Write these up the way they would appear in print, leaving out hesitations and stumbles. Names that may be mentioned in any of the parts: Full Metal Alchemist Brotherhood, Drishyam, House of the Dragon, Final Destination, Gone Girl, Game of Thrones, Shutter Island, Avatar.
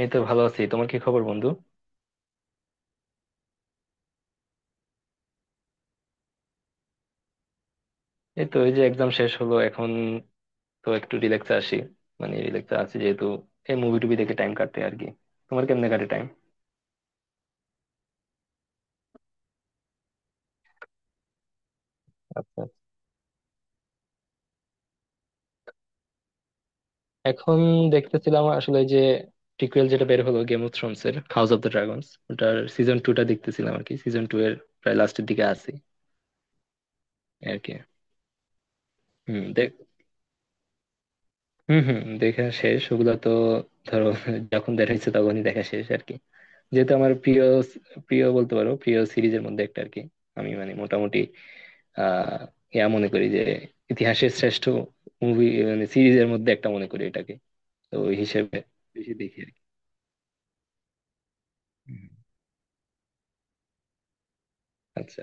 এই তো ভালো আছি। তোমার কি খবর, বন্ধু? এই যে এক্সাম শেষ হলো এখন, তো একটু রিল্যাক্সে আসি। মানে রিল্যাক্সে আছি যেহেতু, এই মুভি টুভি দেখে টাইম কাটতে আর কি। তোমার কেমনে কাটে টাইম? আচ্ছা। এখন দেখতেছিলাম আসলে যে, প্রিকুয়েল যেটা বের হলো, গেম অফ থ্রোনস এর হাউস অফ দ্য ড্রাগনস, ওটার সিজন 2 টা দেখতেছিলাম আর কি। সিজন 2 এর প্রায় লাস্টের দিকে আছি আর কি। হম দেখ হম হম দেখা শেষ ওগুলো তো। ধরো, যখন দেখা হয়েছে তখনই দেখা শেষ আর কি। যেহেতু আমার প্রিয় প্রিয় বলতে পারো, প্রিয় সিরিজের মধ্যে একটা আর কি। আমি মানে মোটামুটি আহ ইয়া মনে করি যে, ইতিহাসের শ্রেষ্ঠ মুভি মানে সিরিজের মধ্যে একটা মনে করি এটাকে। তো ওই হিসেবে বেশি দেখি আর কি। হুম। আচ্ছা।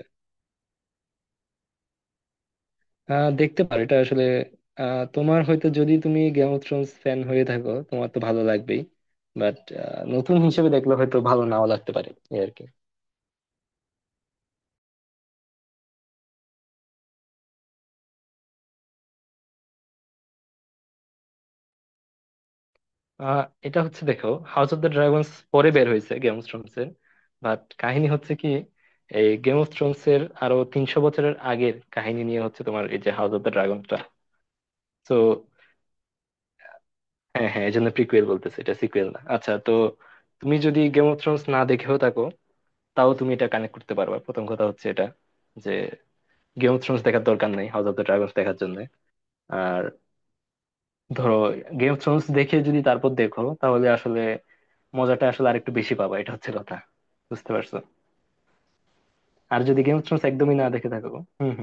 দেখতে পারো, এটা আসলে তোমার হয়তো, যদি তুমি গেম অফ থ্রোনস ফ্যান হয়ে থাকো তোমার তো ভালো লাগবেই। বাট নতুন হিসেবে দেখলে হয়তো ভালো নাও লাগতে পারে এই আর কি। এটা হচ্ছে, দেখো, হাউস অফ দ্য ড্রাগনস পরে বের হয়েছে গেম অফ থ্রোনস এর। বাট কাহিনী হচ্ছে কি, এই গেম অফ থ্রোনস এর আরো 300 বছরের আগের কাহিনী নিয়ে হচ্ছে তোমার এই যে হাউস অফ দ্য ড্রাগনটা। তো হ্যাঁ হ্যাঁ, এই জন্য প্রিকুয়েল বলতেছে, এটা সিকুয়েল না। আচ্ছা, তো তুমি যদি গেম অফ থ্রোনস না দেখেও থাকো, তাও তুমি এটা কানেক্ট করতে পারবা। প্রথম কথা হচ্ছে এটা যে, গেম অফ থ্রোনস দেখার দরকার নেই হাউস অফ দ্য ড্রাগনস দেখার জন্য। আর ধরো, গেম অফ থ্রোনস দেখে যদি তারপর দেখো তাহলে আসলে মজাটা আসলে আরেকটু বেশি পাবা, এটা হচ্ছে কথা। বুঝতে পারছো? আর যদি গেম অফ থ্রোনস একদমই না দেখে থাকো, হুম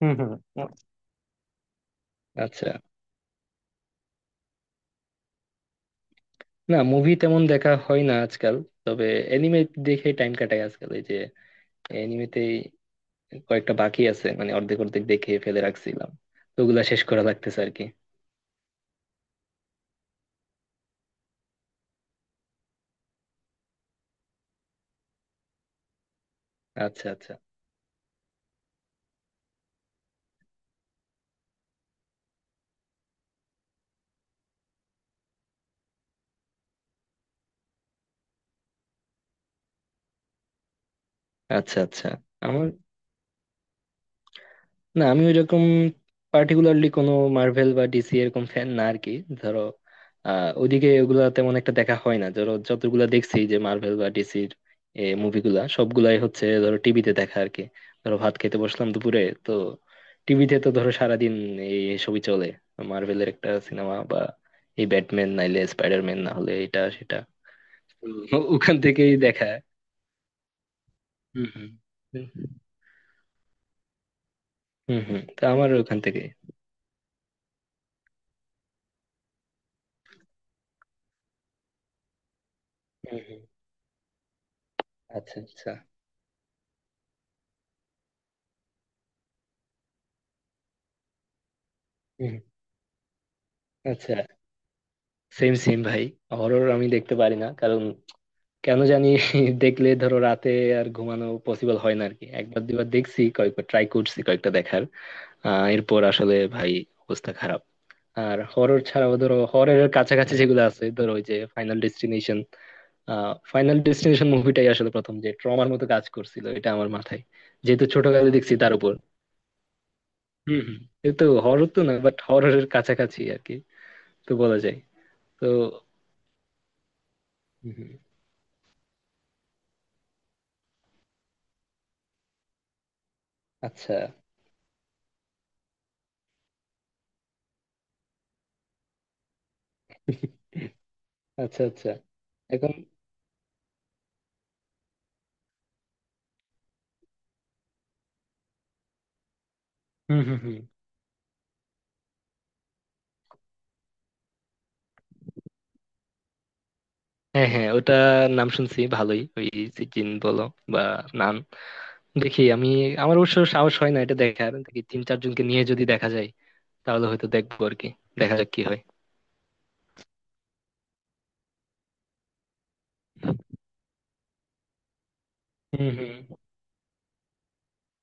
হুম হুম। হুম। আচ্ছা, না, মুভি তেমন দেখা হয় না আজকাল। তবে এনিমে দেখে টাইম কাটাই আজকাল। এই যে এনিমেতেই কয়েকটা বাকি আছে, মানে অর্ধেক অর্ধেক দেখে ফেলে রাখছিলাম, তো ওগুলা শেষ করা লাগতেছে আর কি। আচ্ছা আচ্ছা। আচ্ছা আচ্ছা। আমার, না, আমি ওইরকম পার্টিকুলারলি কোনো মার্ভেল বা ডিসি এরকম ফ্যান না আর কি। ধরো ওইদিকে ওগুলা তেমন একটা দেখা হয় না। ধরো যতগুলা দেখছি, যে মার্ভেল বা ডিসির মুভিগুলা, সবগুলাই হচ্ছে ধরো টিভিতে দেখা আর কি। ধরো ভাত খেতে বসলাম দুপুরে, তো টিভিতে তো ধরো সারাদিন এই সবই চলে, মার্ভেলের একটা সিনেমা বা এই ব্যাটম্যান নাইলে স্পাইডারম্যান না হলে এটা সেটা। হুম, ওখান থেকেই দেখা। হুম, হুম। হুম হুম হুম, তো আমার ওখান থেকে। হুম হুম। আচ্ছা আচ্ছা। আচ্ছা, সেম সেম ভাই। হরর আমি দেখতে পারি না, কারণ কেন জানি দেখলে ধরো রাতে আর ঘুমানো পসিবল হয় না আরকি। একবার দুবার দেখছি, কয়েকবার ট্রাই করছি কয়েকটা দেখার। এরপর আসলে ভাই অবস্থা খারাপ। আর হরর ছাড়াও ধরো, হররের কাছাকাছি যেগুলো আছে, ধরো ওই যে ফাইনাল ডেস্টিনেশন, ফাইনাল ডেস্টিনেশন মুভিটাই আসলে প্রথম যে ট্রমার মতো কাজ করছিল এটা আমার মাথায়, যেহেতু ছোটকালে দেখছি তার উপর। হম হম। কিন্তু হরর তো না, বাট হররের কাছাকাছি আর কি, তো বলা যায়। তো হুম। আচ্ছা আচ্ছা। আচ্ছা। এখন হুম হুম হুম। হ্যাঁ হ্যাঁ, ওটা নাম শুনছি ভালোই। ওই চিকেন বলো বা নান, দেখি আমি। আমার অবশ্য সাহস হয় না এটা দেখার। দেখি তিন চারজনকে নিয়ে যদি দেখা যায়, তাহলে হয়তো দেখবো আর কি। দেখা যাক কি হয়। হুম হুম।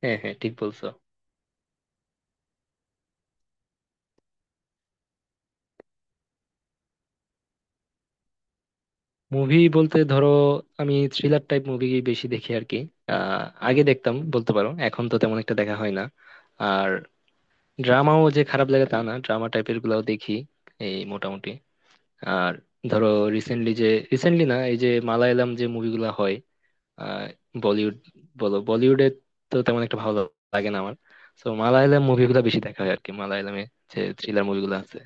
হ্যাঁ হ্যাঁ, ঠিক বলছো। মুভি বলতে ধরো, আমি থ্রিলার টাইপ মুভি বেশি দেখি আর কি। আহ আগে দেখতাম বলতে পারো, এখন তো তেমন একটা দেখা হয় না। আর ড্রামাও যে খারাপ লাগে তা না, ড্রামা টাইপের গুলাও দেখি এই মোটামুটি। আর ধরো রিসেন্টলি যে রিসেন্টলি না এই যে মালায়ালাম যে মুভিগুলো হয়, আহ, বলিউড বলো, বলিউডে তো তেমন একটা ভালো লাগে না আমার। তো মালায়ালাম মুভিগুলো বেশি দেখা হয় আর কি, মালায়ালামে যে থ্রিলার মুভিগুলো আছে।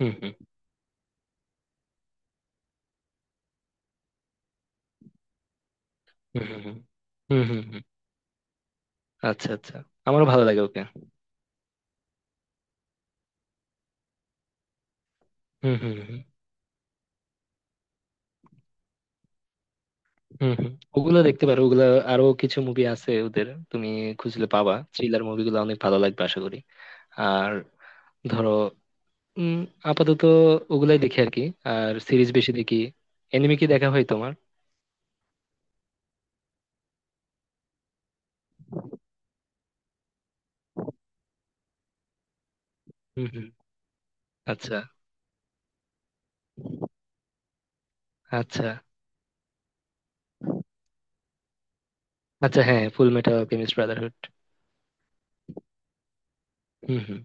হুম হুম হুম। হুম হুম হুম হুম। হুম। আচ্ছা আচ্ছা, আমারও ভালো লাগে ওকে। হুম হুম হুম। হুম হুম। ওগুলো দেখতে পারো, ওগুলো আরো কিছু মুভি আছে ওদের। তুমি খুঁজলে পাবা, থ্রিলার মুভিগুলো অনেক ভালো লাগবে আশা করি। আর ধরো উম আপাতত ওগুলাই দেখি আর কি। আর সিরিজ বেশি দেখি। এনিমে কি দেখা হয় তোমার? হুম হুম। আচ্ছা আচ্ছা। আচ্ছা হ্যাঁ, ফুল মেটাল অ্যালকেমিস্ট ব্রাদারহুড। হুম হুম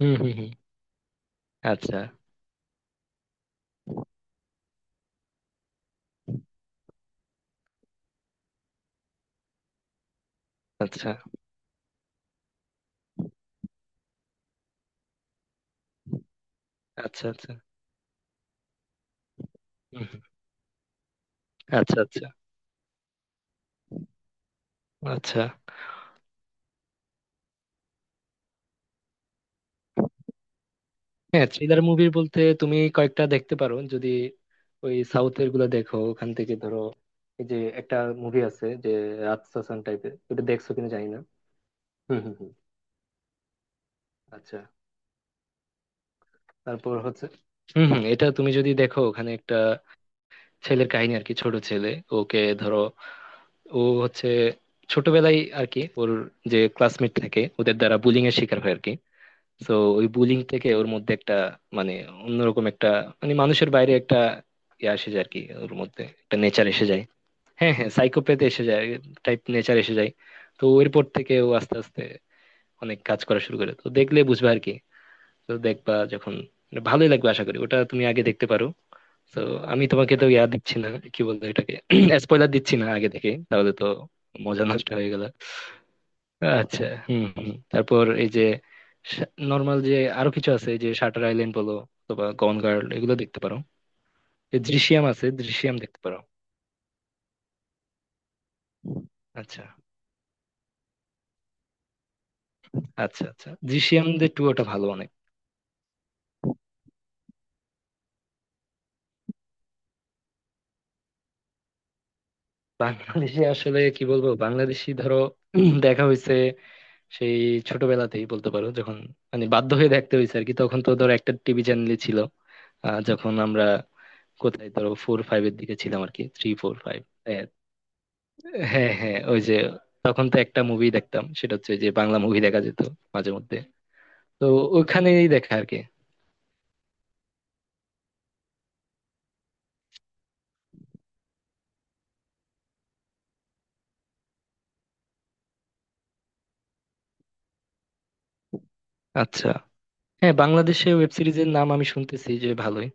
হুম। হুম হুম। আচ্ছা আচ্ছা। আচ্ছা আচ্ছা। হুম হুম। আচ্ছা আচ্ছা। আচ্ছা হ্যাঁ, থ্রিলার মুভি বলতে তুমি কয়েকটা দেখতে পারো যদি। ওই সাউথের গুলো দেখো, ওখান থেকে ধরো এই যে একটা মুভি আছে যে রাতসাসান টাইপের, ওটা দেখছো কিনা জানি না। হুম হুম হুম। আচ্ছা। তারপর হচ্ছে হম হম, এটা তুমি যদি দেখো, ওখানে একটা ছেলের কাহিনী আর কি, ছোট ছেলে। ওকে ধরো, ও হচ্ছে ছোটবেলায় আর কি, ওর যে ক্লাসমেট থাকে ওদের দ্বারা বুলিং এর শিকার হয় আর কি। তো ওই বুলিং থেকে ওর মধ্যে একটা মানে অন্যরকম একটা, মানে মানুষের বাইরে একটা ইয়ে এসে যায় আর কি, ওর মধ্যে একটা নেচার এসে যায়। হ্যাঁ হ্যাঁ, সাইকোপ্যাথ এসে যায় টাইপ নেচার এসে যায়। তো এরপর থেকে ও আস্তে আস্তে অনেক কাজ করা শুরু করে, তো দেখলে বুঝবে আর কি। তো দেখবা যখন, মানে ভালোই লাগবে আশা করি। ওটা তুমি আগে দেখতে পারো। তো আমি তোমাকে তো ইয়া দিচ্ছি না, কি বলবো এটাকে, স্পয়লার দিচ্ছি না আগে থেকে, তাহলে তো মজা নষ্ট হয়ে গেল। আচ্ছা হম হম। তারপর এই যে নর্মাল যে আরো কিছু আছে, এই যে শাটার আইল্যান্ড বলো অথবা গন গার্ল, এগুলো দেখতে পারো। এই দৃশ্যাম আছে, দৃশ্যাম দেখতে পারো। আচ্ছা আচ্ছা। আচ্ছা, দৃশ্যাম যে টু ওটা ভালো অনেক। বাংলাদেশে আসলে কি বলবো, বাংলাদেশি ধরো দেখা হয়েছে সেই ছোটবেলাতেই বলতে পারো, যখন মানে বাধ্য হয়ে দেখতে হয়েছে আর কি। তখন তো ধরো একটা টিভি চ্যানেলই ছিল। আহ, যখন আমরা কোথায় ধরো ফোর ফাইভ এর দিকে ছিলাম আর কি, থ্রি ফোর ফাইভ। হ্যাঁ। হ্যাঁ হ্যাঁ, ওই যে তখন তো একটা মুভি দেখতাম, সেটা হচ্ছে যে বাংলা মুভি দেখা যেত মাঝে মধ্যে। তো ওখানেই দেখা আর কি। আচ্ছা হ্যাঁ, বাংলাদেশে ওয়েব সিরিজের নাম আমি শুনতেছি যে ভালোই।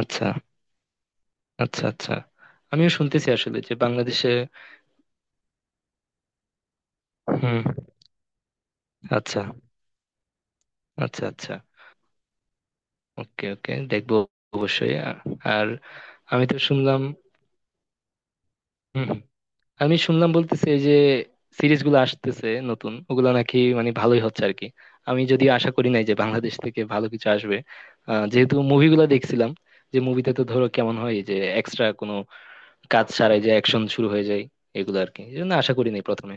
আচ্ছা আচ্ছা। আচ্ছা, আমিও শুনতেছি আসলে যে বাংলাদেশে। হুম। আচ্ছা আচ্ছা। আচ্ছা, ওকে ওকে দেখবো অবশ্যই। আর আমি তো শুনলাম। হুম, হুম। আমি শুনলাম, বলতেছে এই যে সিরিজগুলো আসতেছে নতুন, ওগুলো নাকি মানে ভালোই হচ্ছে আর কি। আমি যদিও আশা করি নাই যে বাংলাদেশ থেকে ভালো কিছু আসবে, আহ, যেহেতু মুভিগুলো দেখছিলাম, যে মুভিতে তো ধরো কেমন হয়, যে এক্সট্রা কোনো কাজ ছাড়াই যে অ্যাকশন শুরু হয়ে যায়, এগুলো আর কি। এই জন্য আশা করি নাই প্রথমে।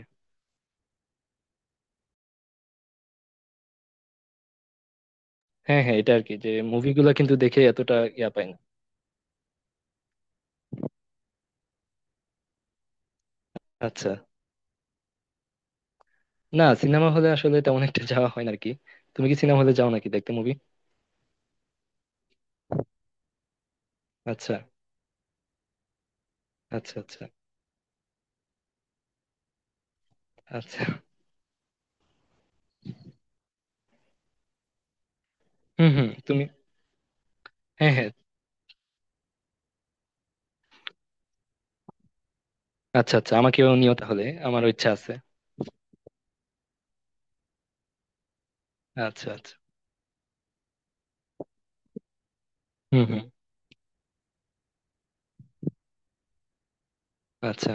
হ্যাঁ হ্যাঁ, এটা আর কি, যে মুভিগুলো কিন্তু দেখে এতটা ইয়া পাই না। আচ্ছা না, সিনেমা হলে আসলে তেমন একটা যাওয়া হয় না আর কি। তুমি কি সিনেমা হলে যাও নাকি দেখতে মুভি? আচ্ছা আচ্ছা। আচ্ছা আচ্ছা। হুম হুম, তুমি, হ্যাঁ হ্যাঁ। আচ্ছা আচ্ছা, আমাকেও নিও তাহলে, আমার ইচ্ছা আছে। আচ্ছা আচ্ছা। হুম হুম। আচ্ছা।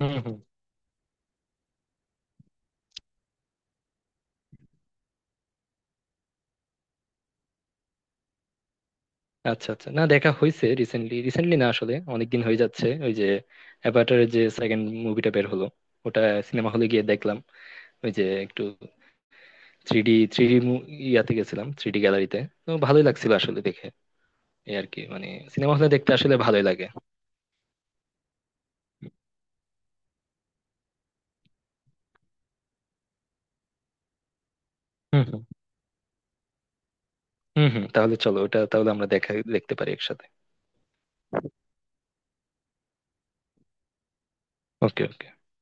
হুম হুম। আচ্ছা আচ্ছা, না, দেখা হয়েছে রিসেন্টলি, রিসেন্টলি না আসলে অনেকদিন হয়ে যাচ্ছে, ওই যে অ্যাভাটারের যে সেকেন্ড মুভিটা বের হলো ওটা সিনেমা হলে গিয়ে দেখলাম। ওই যে একটু 3D, ইয়াতে গেছিলাম, 3D গ্যালারিতে। তো ভালোই লাগছিল আসলে দেখে। এই আর কি মানে, সিনেমা হলে দেখতে আসলে ভালোই লাগে। হুম হুম। হুম হুম, তাহলে চলো ওটা তাহলে আমরা দেখা, দেখতে পারি একসাথে। ওকে।